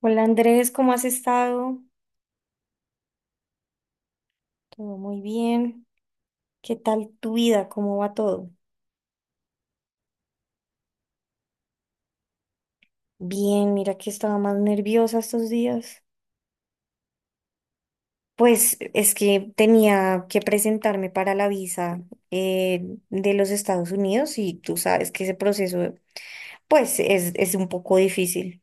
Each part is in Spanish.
Hola Andrés, ¿cómo has estado? Todo muy bien. ¿Qué tal tu vida? ¿Cómo va todo? Bien, mira que estaba más nerviosa estos días. Pues es que tenía que presentarme para la visa de los Estados Unidos y tú sabes que ese proceso pues es un poco difícil.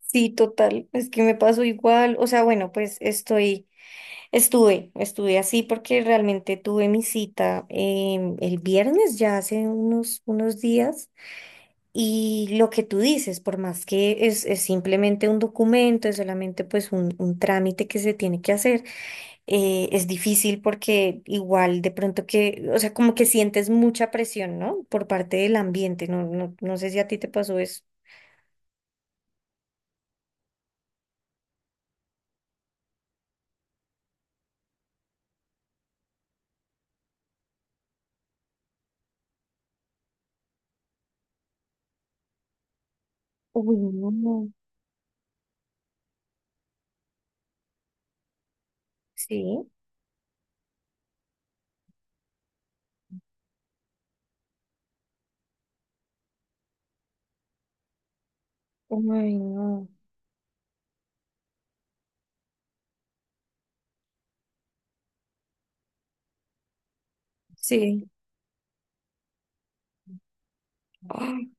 Sí, total, es que me pasó igual. O sea, bueno, pues estuve así porque realmente tuve mi cita el viernes, ya hace unos días. Y lo que tú dices, por más que es simplemente un documento, es solamente pues un trámite que se tiene que hacer, es difícil porque igual de pronto que, o sea, como que sientes mucha presión, ¿no? Por parte del ambiente, no sé si a ti te pasó eso. Uy, no. No. Sí. Uy, no. Sí. Ah.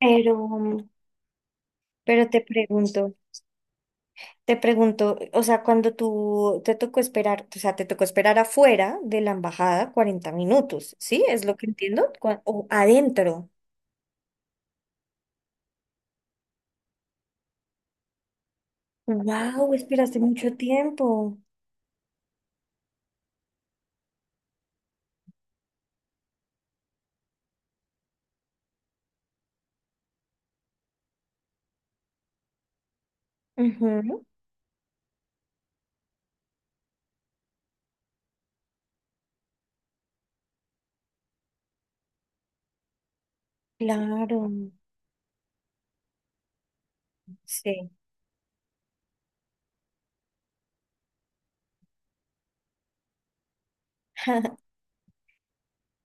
Pero, pero te pregunto. Te pregunto, o sea, cuando tú te tocó esperar, o sea, te tocó esperar afuera de la embajada 40 minutos, ¿sí? ¿Es lo que entiendo? O adentro. Wow, esperaste mucho tiempo. Ujú. Claro, sí.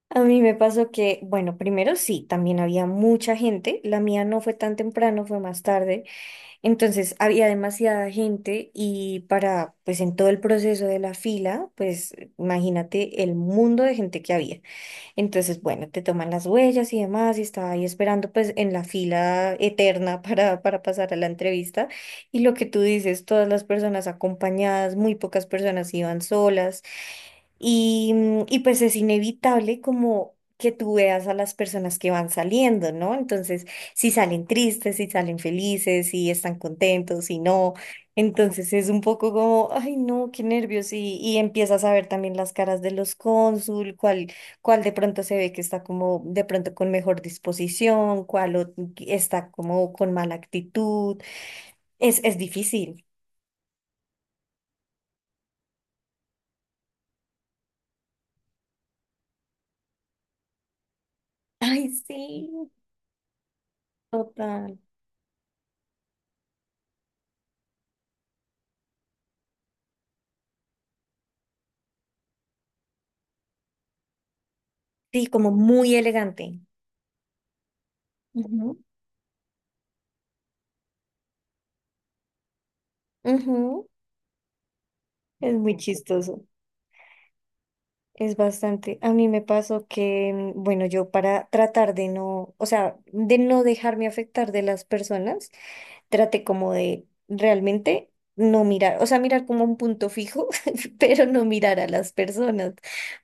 A mí me pasó que, bueno, primero sí, también había mucha gente, la mía no fue tan temprano, fue más tarde, entonces había demasiada gente y para, pues en todo el proceso de la fila, pues imagínate el mundo de gente que había. Entonces, bueno, te toman las huellas y demás, y estaba ahí esperando pues en la fila eterna para pasar a la entrevista. Y lo que tú dices, todas las personas acompañadas, muy pocas personas iban solas. Y pues es inevitable como que tú veas a las personas que van saliendo, ¿no? Entonces, si salen tristes, si salen felices, si están contentos, si no. Entonces es un poco como, ay no, qué nervios. Y empiezas a ver también las caras de los cónsul, cuál de pronto se ve que está como de pronto con mejor disposición, está como con mala actitud. Es difícil. Ay, sí, total. Sí, como muy elegante. Ujú. Es muy chistoso, es bastante. A mí me pasó que, bueno, yo para tratar de no, o sea, de no dejarme afectar de las personas, traté como de realmente no mirar, o sea, mirar como un punto fijo, pero no mirar a las personas,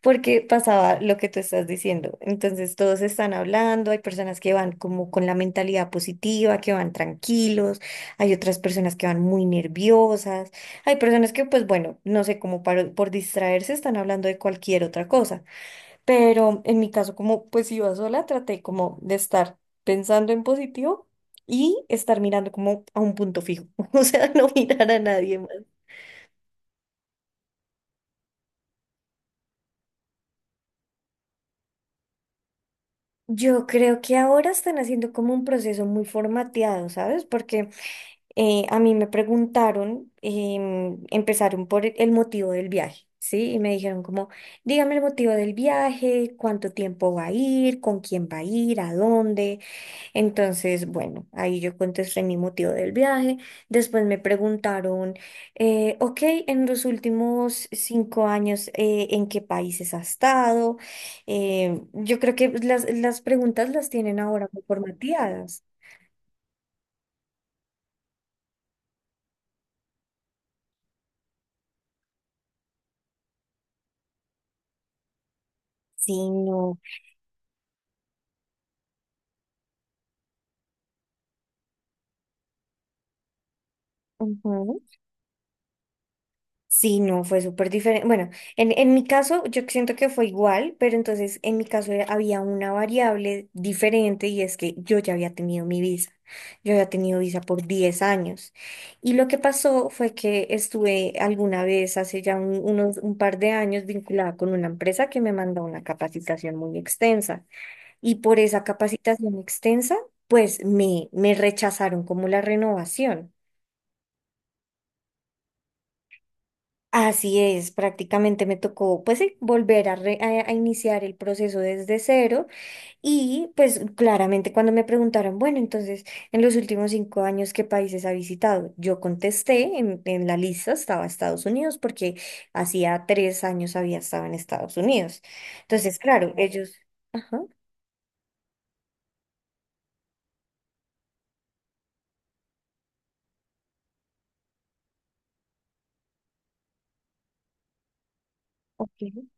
porque pasaba lo que tú estás diciendo. Entonces todos están hablando, hay personas que van como con la mentalidad positiva, que van tranquilos, hay otras personas que van muy nerviosas, hay personas que pues bueno, no sé, por distraerse están hablando de cualquier otra cosa. Pero en mi caso, como pues si iba sola, traté como de estar pensando en positivo y estar mirando como a un punto fijo, o sea, no mirar a nadie más. Yo creo que ahora están haciendo como un proceso muy formateado, ¿sabes? Porque a mí me preguntaron, empezaron por el motivo del viaje, ¿sí? Y me dijeron como, dígame el motivo del viaje, cuánto tiempo va a ir, con quién va a ir, a dónde. Entonces, bueno, ahí yo contesté mi motivo del viaje. Después me preguntaron, ok, en los últimos 5 años, ¿en qué países has estado? Yo creo que las preguntas las tienen ahora muy formateadas. Sí, no. Ujú. Sí, no, fue súper diferente. Bueno, en mi caso yo siento que fue igual, pero entonces en mi caso había una variable diferente y es que yo ya había tenido mi visa. Yo había tenido visa por 10 años. Y lo que pasó fue que estuve alguna vez hace ya un par de años vinculada con una empresa que me mandó una capacitación muy extensa. Y por esa capacitación extensa, me rechazaron como la renovación. Así es, prácticamente me tocó pues volver a, re- a iniciar el proceso desde cero y pues claramente cuando me preguntaron, bueno, entonces en los últimos cinco años, ¿qué países ha visitado? Yo contesté, en la lista estaba Estados Unidos porque hacía 3 años había estado en Estados Unidos. Entonces, claro, claro. Ellos... Ajá. Ok.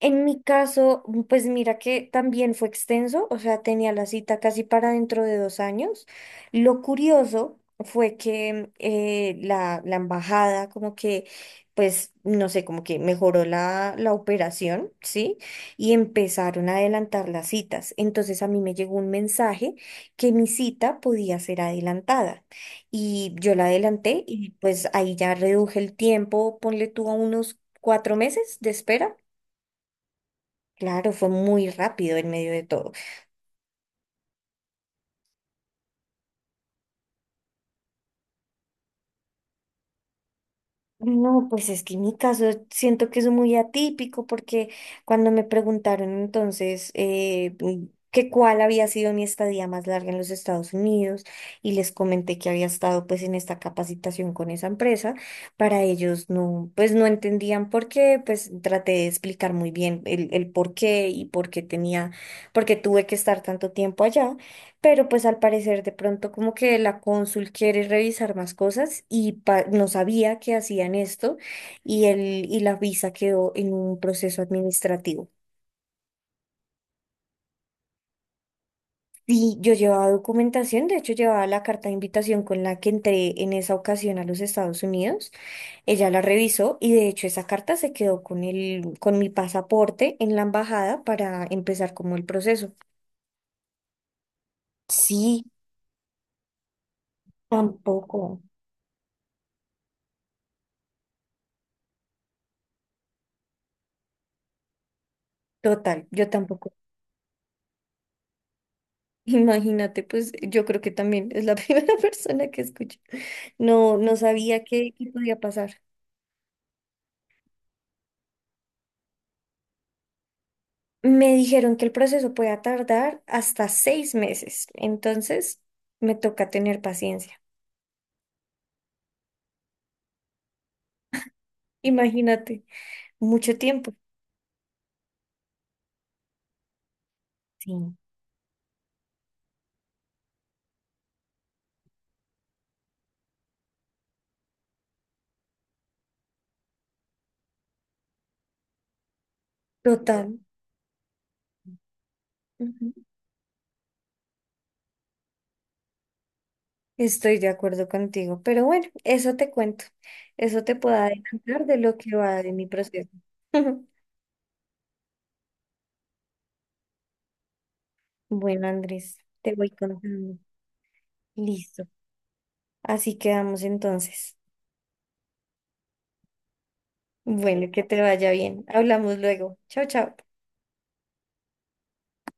En mi caso, pues mira que también fue extenso, o sea, tenía la cita casi para dentro de 2 años. Lo curioso fue que la embajada como que, pues, no sé, como que mejoró la operación, ¿sí? Y empezaron a adelantar las citas. Entonces a mí me llegó un mensaje que mi cita podía ser adelantada. Y yo la adelanté y pues ahí ya reduje el tiempo, ponle tú a unos 4 meses de espera. Claro, fue muy rápido en medio de todo. No, pues es que en mi caso siento que es muy atípico porque cuando me preguntaron entonces que cuál había sido mi estadía más larga en los Estados Unidos y les comenté que había estado pues en esta capacitación con esa empresa, para ellos no, pues no entendían por qué, pues traté de explicar muy bien el por qué y por qué tenía, por qué tuve que estar tanto tiempo allá. Pero pues al parecer de pronto como que la cónsul quiere revisar más cosas y no sabía que hacían esto y, el, y la visa quedó en un proceso administrativo. Y yo llevaba documentación, de hecho llevaba la carta de invitación con la que entré en esa ocasión a los Estados Unidos. Ella la revisó y de hecho esa carta se quedó con mi pasaporte en la embajada para empezar como el proceso. Sí, tampoco. Total, yo tampoco. Imagínate, pues yo creo que también es la primera persona que escucho. No, no sabía qué podía pasar. Me dijeron que el proceso puede tardar hasta 6 meses, entonces me toca tener paciencia. Imagínate, mucho tiempo. Sí. Total. Ujú. Estoy de acuerdo contigo, pero bueno, eso te cuento. Eso te puedo adelantar de lo que va de mi proceso. Bueno, Andrés, te voy contando. Listo. Así quedamos entonces. Bueno, que te vaya bien. Hablamos luego. Chao, chao.